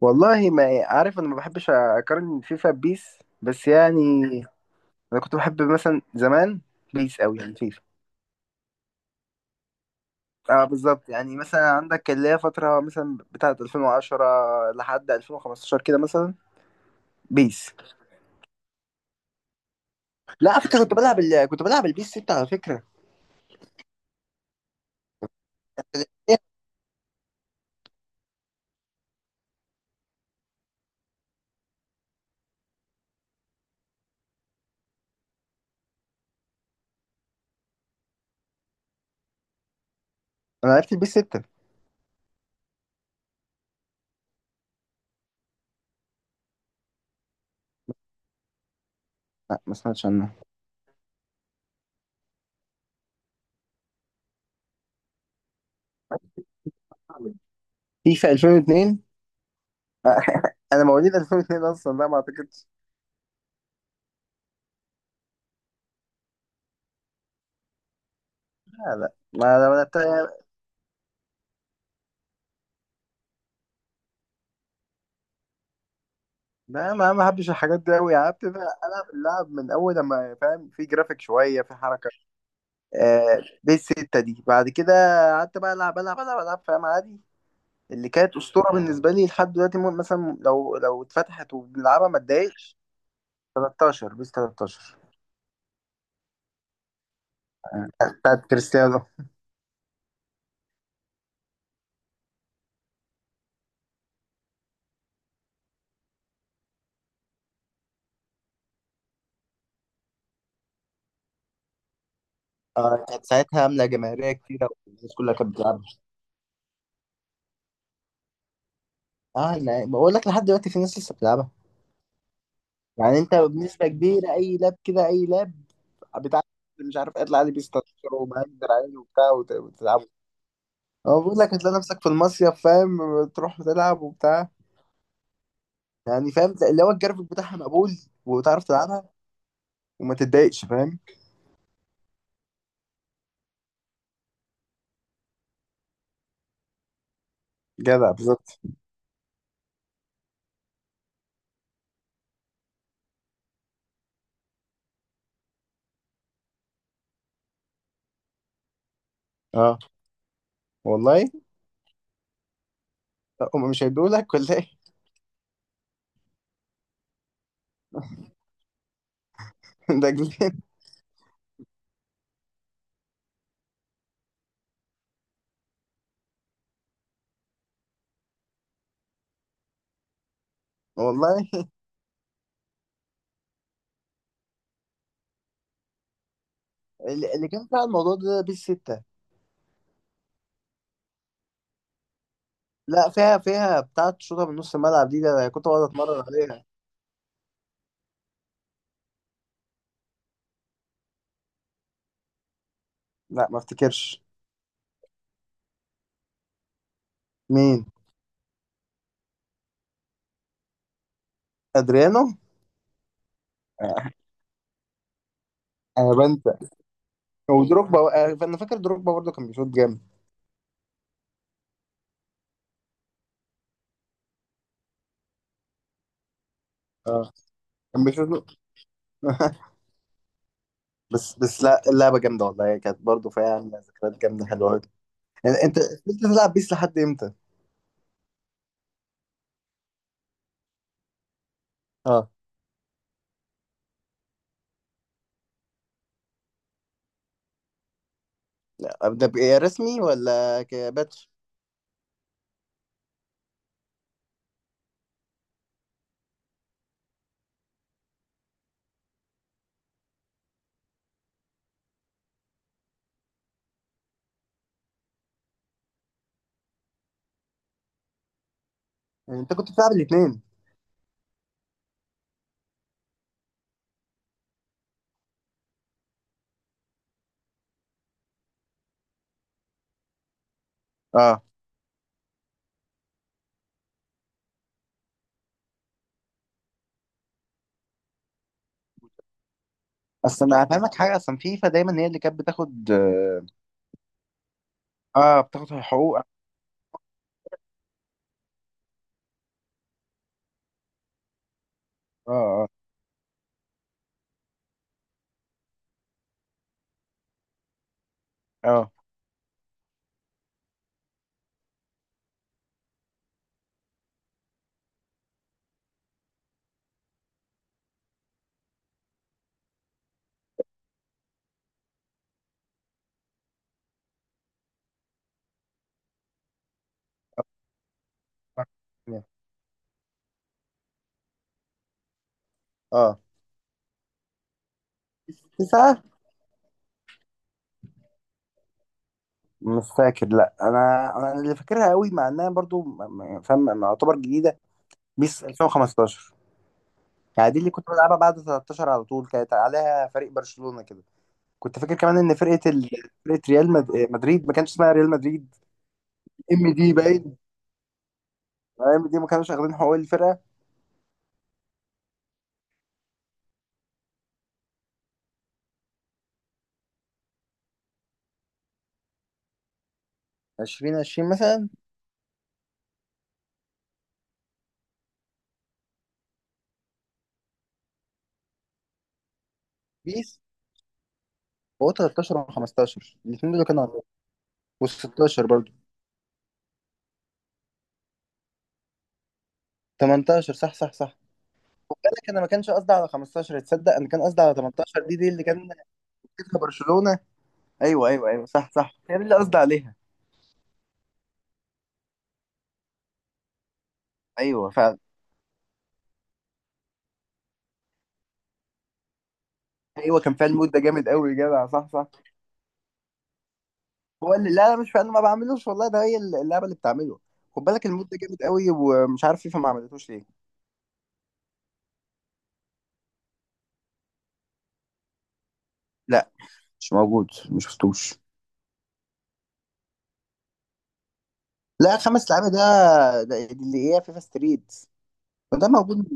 والله ما يعني، عارف، انا ما بحبش اقارن فيفا ببيس بس يعني انا كنت بحب مثلا زمان بيس قوي يعني فيفا. اه، بالظبط، يعني مثلا عندك اللي هي فترة مثلا بتاعة 2010 لحد 2015 كده مثلا بيس. لا، على فكرة، كنت بلعب البيس 6 على فكرة. انا عرفت البيس 6. لا، ما سمعتش عنها. فيفا 2002؟ انا مواليد 2002 اصلا، لا ما اعتقدش. لا لا، ما ما لعبتها. لا، ما ما بحبش الحاجات دي قوي، يعني بتبقى العب اللعب من اول لما فاهم، في جرافيك شويه، في حركه. آه، دي السته دي. بعد كده قعدت بقى العب العب العب العب، فاهم، عادي. اللي كانت اسطوره بالنسبه لي لحد دلوقتي، مثلا لو اتفتحت وبنلعبها ما اتضايقش. 13، بيس 13، بتاعت كريستيانو. آه، كانت ساعتها عامله جماهيريه كتيره والناس كلها كانت بتلعبها. اه، أنا بقول لك لحد دلوقتي في ناس لسه بتلعبها. يعني انت بنسبة كبيرة اي لاب كده، اي لاب بتاع، مش عارف، اطلع عليه بيستشير ومهندر عليه وبتاع، وتلعبه. هو بيقول لك هتلاقي نفسك في المصيف، فاهم، تروح تلعب وبتاع. يعني فاهم، اللي هو الجرافيك بتاعها مقبول، وتعرف تلعبها، وما تتضايقش، فاهم. جدع، بالظبط. اه، والله. لا، هم مش هيدوا لك ولا ايه. ده جنان. والله، اللي كان بتاع الموضوع ده بيس 6. لا، فيها بتاعة شوطة من نص الملعب دي، ده أنا كنت بقعد اتمرن عليها. لا، ما افتكرش. مين؟ ادريانو. آه. انا بنسى. ودروجبا. آه، فانا فاكر دروجبا برضه كان بيشوط جامد. اه، كان بيشوط. بس بس، لا، اللعبه جامده والله، هي كانت برضه فيها يعني ذكريات جامده حلوه أوي. يعني انت كنت بتلعب بيس لحد امتى؟ اه. ده بقى رسمي ولا كباتش؟ يعني انت كنت بتلعب الاثنين؟ اه، اصل انا هفهمك حاجه، اصلا فيفا دايما هي اللي كانت بتاخد، اه، آه، بتاخد حقوق. اه اه اه اه. 9. مش فاكر، لا، انا اللي فاكرها قوي مع انها برضو فاهم، ما اعتبر جديده. بيس 2015، يعني دي اللي كنت بلعبها بعد 13 على طول، كانت عليها فريق برشلونة كده. كنت فاكر كمان ان مدريد ما كانش اسمها ريال مدريد. ام دي باين. آه، ام دي ما كانوش واخدين حقوق الفرقة. 20 20 مثلا. بيس. هو 13 و15 الاثنين دول كانوا عندهم، وال16 برضه. 18، صح صح صح. خد بالك انا ما كانش قصدي على 15، تصدق انا كان قصدي على 18، دي اللي كان كسبها برشلونة. ايوه ايوه ايوه، صح صح، هي دي اللي قصدي عليها. ايوه فعلا. ايوه، كان فيها المود ده جامد قوي يا جدع، صح صح. هو اللي، لا لا، مش فاهم ما بعملوش والله، ده هي اللعبه اللي بتعمله. خد بالك المود ده جامد قوي، ومش عارف فيفا ما عملتوش ليه. لا، مش موجود، ما شفتوش. لا، خمس لعيبه ده، ده دي اللي هي فيفا ستريت، ده موجود.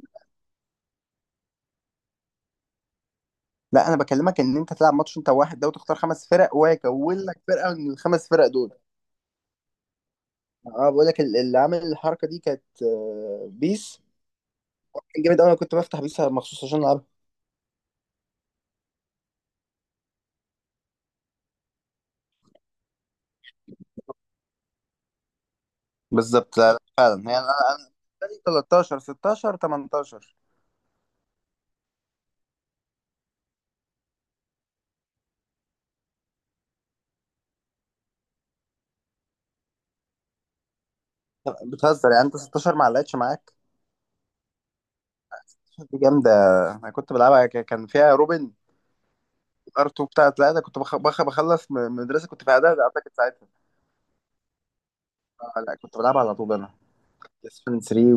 لا، انا بكلمك ان انت تلعب ماتش انت واحد ده، وتختار خمس فرق، وهو يكون لك فرقه من الخمس فرق دول. اه، بقول لك اللي عامل الحركه دي كانت آه، بيس. كان جامد قوي، انا كنت بفتح بيس مخصوص عشان العبها. بالظبط، لا لا، فعلا يعني انا. 13، 16، 18. بتهزر يعني انت 16 ما علقتش معاك؟ 16 دي جامده، انا كنت بلعبها، كان فيها روبن. ار 2 بتاعت. لا، ده كنت بخلص مدرسه، كنت في اعدادي اعتقد ساعتها. آه، لا، كنت بلعبها على طول انا. اسفن 3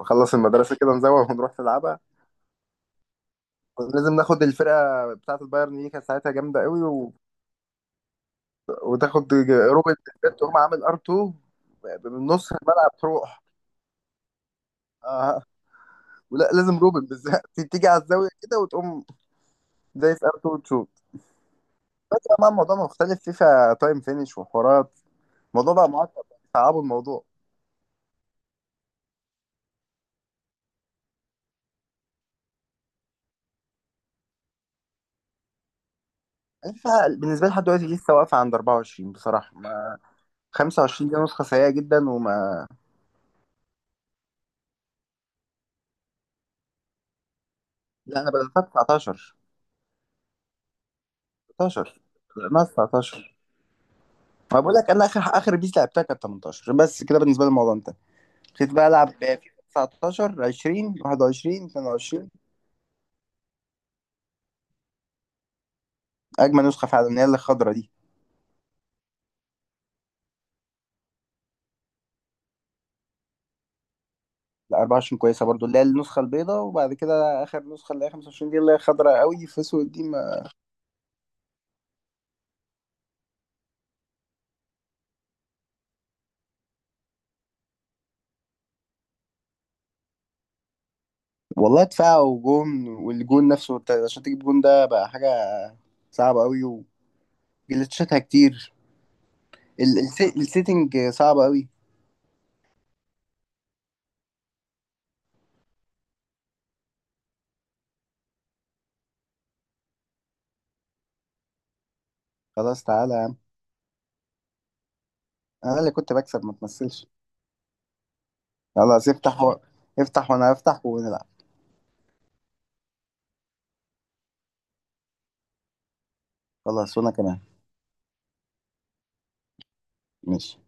وبخلص المدرسه كده، نزوغ ونروح نلعبها. كنا لازم ناخد الفرقه بتاعت البايرن دي، كانت ساعتها جامده قوي، و... وتاخد روبن بالذات، تقوم عامل ار 2 من نص الملعب تروح. آه. ولا لازم روبن بالذات تيجي على الزاويه كده وتقوم زي في ار 2. بس بقى الموضوع مختلف، فيفا تايم فينش وحوارات، الموضوع بقى معقد، صعبوا الموضوع. فيفا بالنسبه لي لحد دلوقتي لسه واقفه عند 24 بصراحه، ما 25 دي نسخه سيئه جدا وما. لا، انا بدأتها 19. 19 ما 19. ما بقول لك انا اخر اخر بيس لعبتها كانت 18 بس، كده بالنسبه لي الموضوع انتهى. ابتديت بقى العب فيفا 19، 20، 21، 22. اجمل نسخه فعلا هي اللي الخضرا دي. لا، 24 كويسه برضو اللي هي النسخه البيضاء، وبعد كده اخر نسخه اللي هي 25 دي اللي هي خضرا قوي في اسود دي. والله، دفاع وجون، والجون نفسه انت عشان تجيب جون ده بقى حاجة صعبة قوي، وجلتشاتها كتير. السيتنج صعبة قوي. خلاص تعالى يا عم، انا اللي كنت بكسب ما تمثلش. خلاص افتح، وانا افتح ونلعب. خلاص وانا كمان. ماشي.